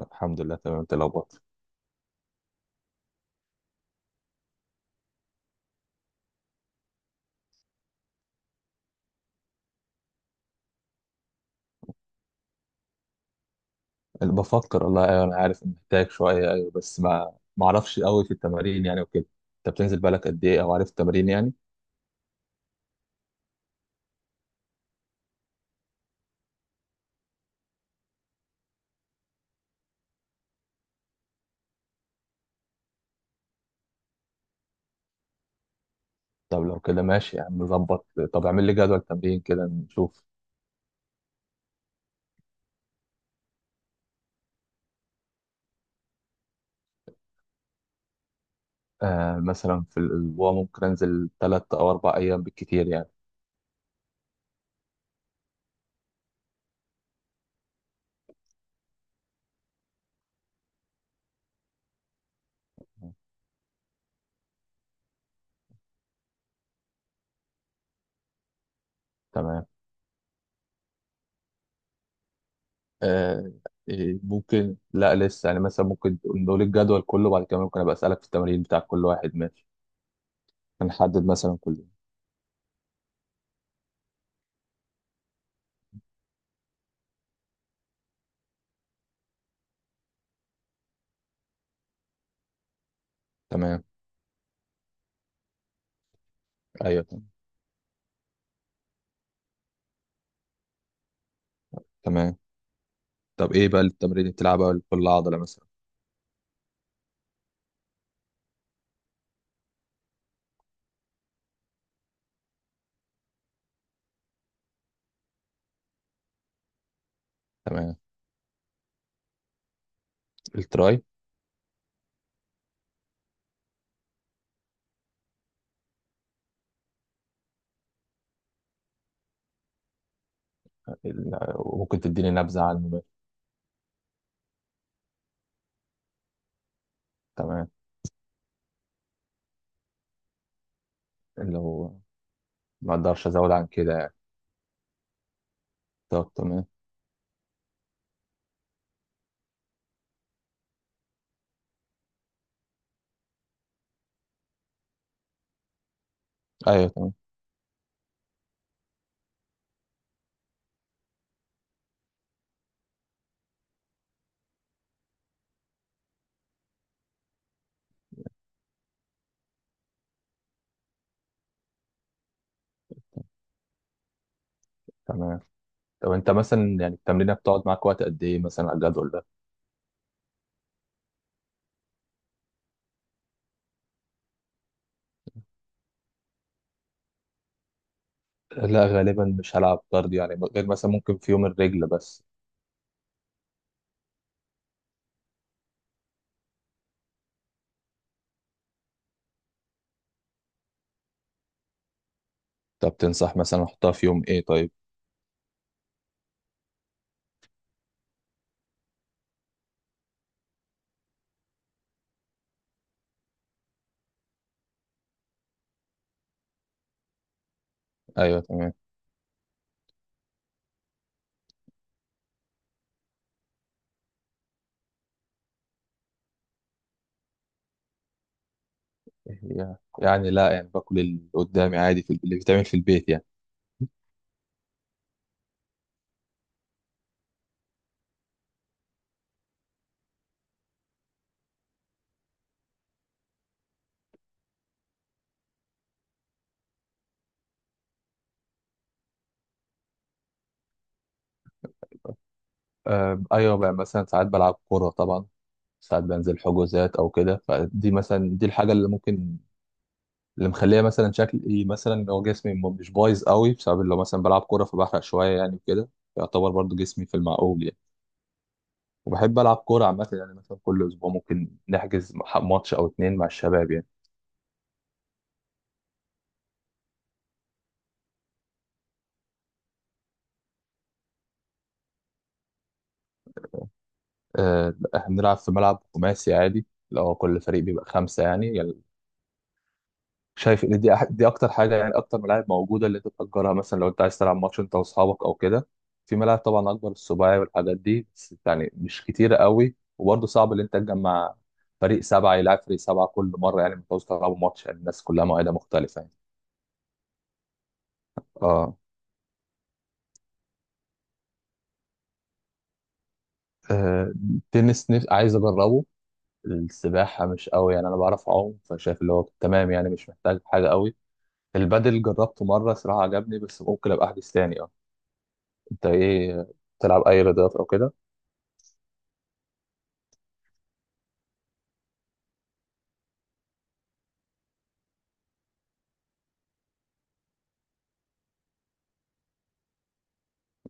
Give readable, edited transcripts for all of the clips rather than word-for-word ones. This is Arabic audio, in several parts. الحمد لله تمام. انت لو بفكر والله. ايوه انا عارف ان محتاج شويه، ايوه بس ما اعرفش قوي في التمارين يعني وكده. انت بتنزل بالك قد ايه او عارف التمارين يعني؟ طب لو كده ماشي يا عم نظبط. طب اعمل لي جدول تمرين كده نشوف. آه مثلا في الاسبوع ممكن انزل ثلاث او اربع ايام بالكتير يعني. تمام. آه، إيه، ممكن لا لسه يعني، مثلا ممكن نقول الجدول كله بعد كده، ممكن ابقى اسالك في التمارين بتاع كل واحد ماشي. هنحدد مثلا كله. تمام. ايوه تمام. طب ايه بقى التمرين اللي بتلعبها لكل عضله مثلا؟ تمام. التراي. وممكن تديني نبذه عنه. تمام. لو ما اقدرش ازود عن كده يعني. طب تمام. ايوه تمام. تمام. طب انت مثلا يعني التمرينه بتقعد معاك وقت قد ايه مثلا على الجدول ده؟ لا غالبا مش هلعب كارديو يعني، غير مثلا ممكن في يوم الرجل بس. طب تنصح مثلا احطها في يوم ايه طيب؟ ايوه تمام. يعني لا، يعني باكل اللي قدامي عادي في اللي بيتعمل في البيت يعني. ايوه بقى مثلا ساعات بلعب كوره طبعا. ساعات بنزل حجوزات او كده، فدي مثلا دي الحاجه اللي ممكن. اللي مخليه مثلا شكلي مثلا، لو جسمي مش بايظ قوي، بسبب لو مثلا بلعب كوره فبحرق شويه يعني وكده. يعتبر برضو جسمي في المعقول يعني. وبحب العب كوره عامه يعني، مثلا كل اسبوع ممكن نحجز ماتش او اتنين مع الشباب يعني. احنا بنلعب في ملعب خماسي عادي. لو كل فريق بيبقى خمسه يعني. شايف ان دي دي اكتر حاجه يعني، اكتر ملاعب موجوده اللي تتاجرها مثلا لو انت عايز تلعب ماتش انت واصحابك او كده. في ملاعب طبعا اكبر، السباعي والحاجات دي، بس يعني مش كتيره قوي، وبرضه صعب ان انت تجمع فريق سبعه يلعب فريق سبعه كل مره يعني، ما تعوز تلعبوا ماتش يعني، الناس كلها مواعيدها مختلفه يعني. اه. آه، التنس نفس عايز اجربه. السباحه مش قوي يعني، انا بعرف اعوم فشايف اللي هو تمام يعني، مش محتاج حاجه قوي. البادل جربته مره صراحه عجبني، بس ممكن ابقى احجز تاني اه. انت ايه، تلعب اي رياضات او كده؟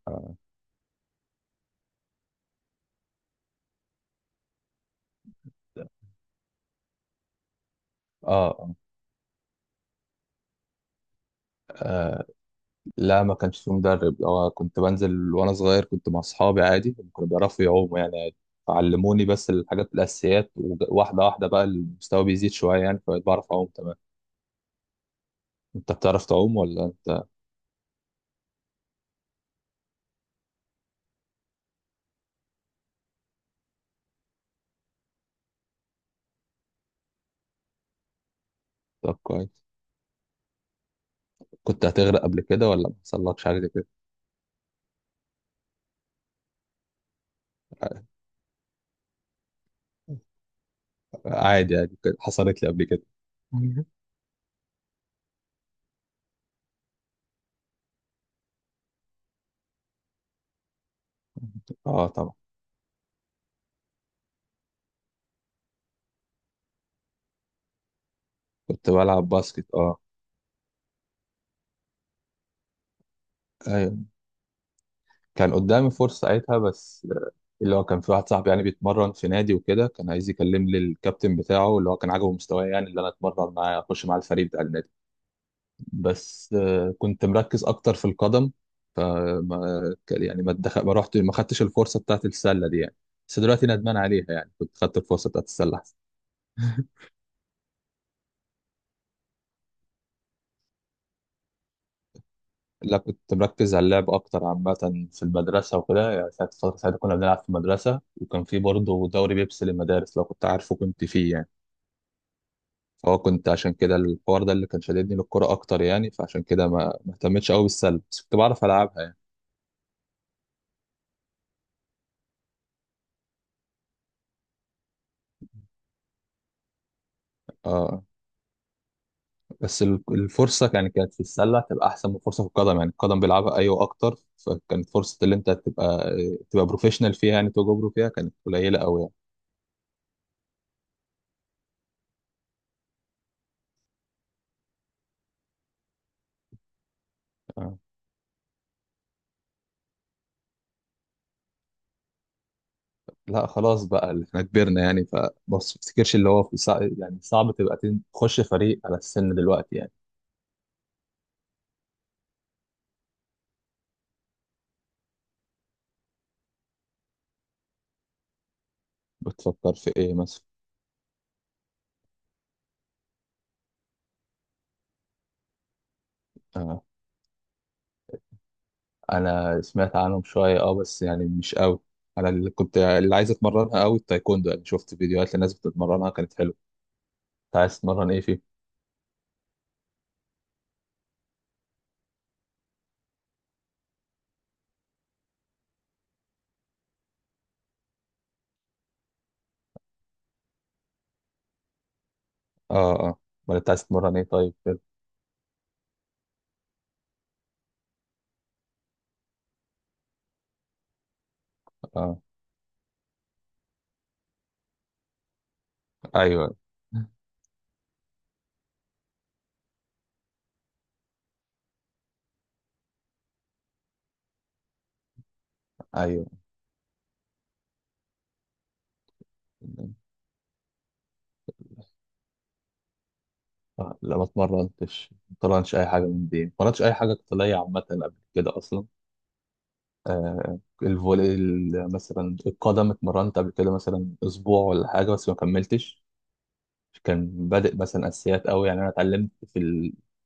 آه. اه آه. لا ما كانش في مدرب، هو كنت بنزل وانا صغير، كنت مع اصحابي عادي، هم كانوا بيعرفوا يعوموا يعني عادي. علموني بس الحاجات الاساسيات، وواحده واحده بقى المستوى بيزيد شويه يعني، فبقيت بعرف اعوم تمام. انت بتعرف تعوم ولا انت؟ طب كويس. كنت هتغرق قبل كده ولا ما حصلكش حاجه زي كده؟ عادي يعني حصلت لي قبل كده. اه طبعا. كنت بلعب باسكت اه. ايوه كان قدامي فرصة ساعتها، بس آه، اللي هو كان في واحد صاحبي يعني بيتمرن في نادي وكده، كان عايز يكلم لي الكابتن بتاعه اللي هو كان عاجبه مستواي يعني، اللي انا اتمرن معاه اخش مع الفريق بتاع النادي. بس آه، كنت مركز اكتر في القدم. آه، ما يعني ما اتدخل، ما رحت، ما خدتش الفرصة بتاعت السلة دي يعني. بس دلوقتي ندمان عليها يعني، كنت خدت الفرصة بتاعت السلة احسن. لا كنت مركز على اللعب اكتر عامة. في المدرسة وكده يعني، ساعة فترة ساعتها كنا بنلعب في المدرسة، وكان في برضه دوري بيبسي للمدارس، لو كنت عارفه، كنت فيه يعني. اه كنت عشان كده الحوار ده اللي كان شددني للكرة اكتر يعني، فعشان كده ما اهتمتش قوي بالسله، بس كنت بعرف العبها يعني. اه بس الفرصه يعني كانت في السله تبقى احسن من الفرصه في القدم، يعني القدم بيلعبها ايوه اكتر، فكانت فرصه اللي انت تبقى، تبقى بروفيشنال فيها يعني، توجو برو فيها كانت قليله قوي يعني. آه. لا خلاص بقى اللي احنا كبرنا يعني، فبص تفتكرش اللي هو في سع... يعني صعب تبقى تخش فريق على السن دلوقتي يعني. بتفكر في ايه مثلا؟ آه. انا سمعت عنهم شويه اه، بس يعني مش قوي. انا اللي كنت اللي عايز اتمرنها قوي التايكوندو يعني، شفت فيديوهات لناس بتتمرنها كانت حلوه. انت عايز تتمرن ايه فيه؟ اه اه. ولا انت عايز تتمرن ايه طيب كده؟ اه. ايوه. ايوه آه، لا ما اتمرنتش، ما اتمرنتش اي حاجه من دي، ما اتمرنتش اي حاجه قتاليه عامه قبل كده اصلا. آه الفولي، مثلا القدم اتمرنت قبل كده مثلا اسبوع ولا حاجه، بس ما كملتش. كان بادئ مثلا اساسيات قوي يعني، انا اتعلمت في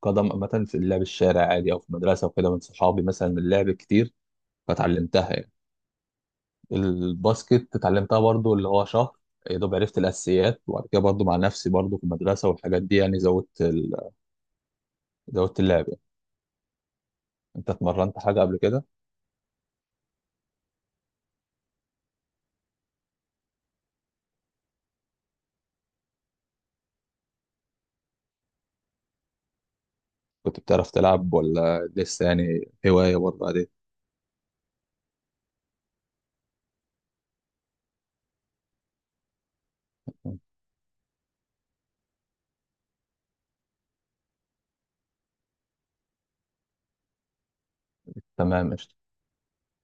القدم عامه في اللعب الشارع عادي، او في المدرسه وكده من صحابي، مثلا من اللعب كتير فتعلمتها يعني. الباسكت اتعلمتها برضو اللي هو شهر، يا دوب عرفت الاساسيات، وبعد كده برضو مع نفسي برضو في المدرسه والحاجات دي، يعني زودت ال... زودت اللعب يعني. انت اتمرنت حاجه قبل كده؟ كنت بتعرف تلعب ولا لسه يعني، هوايه برضو عادي. تمام قشطة.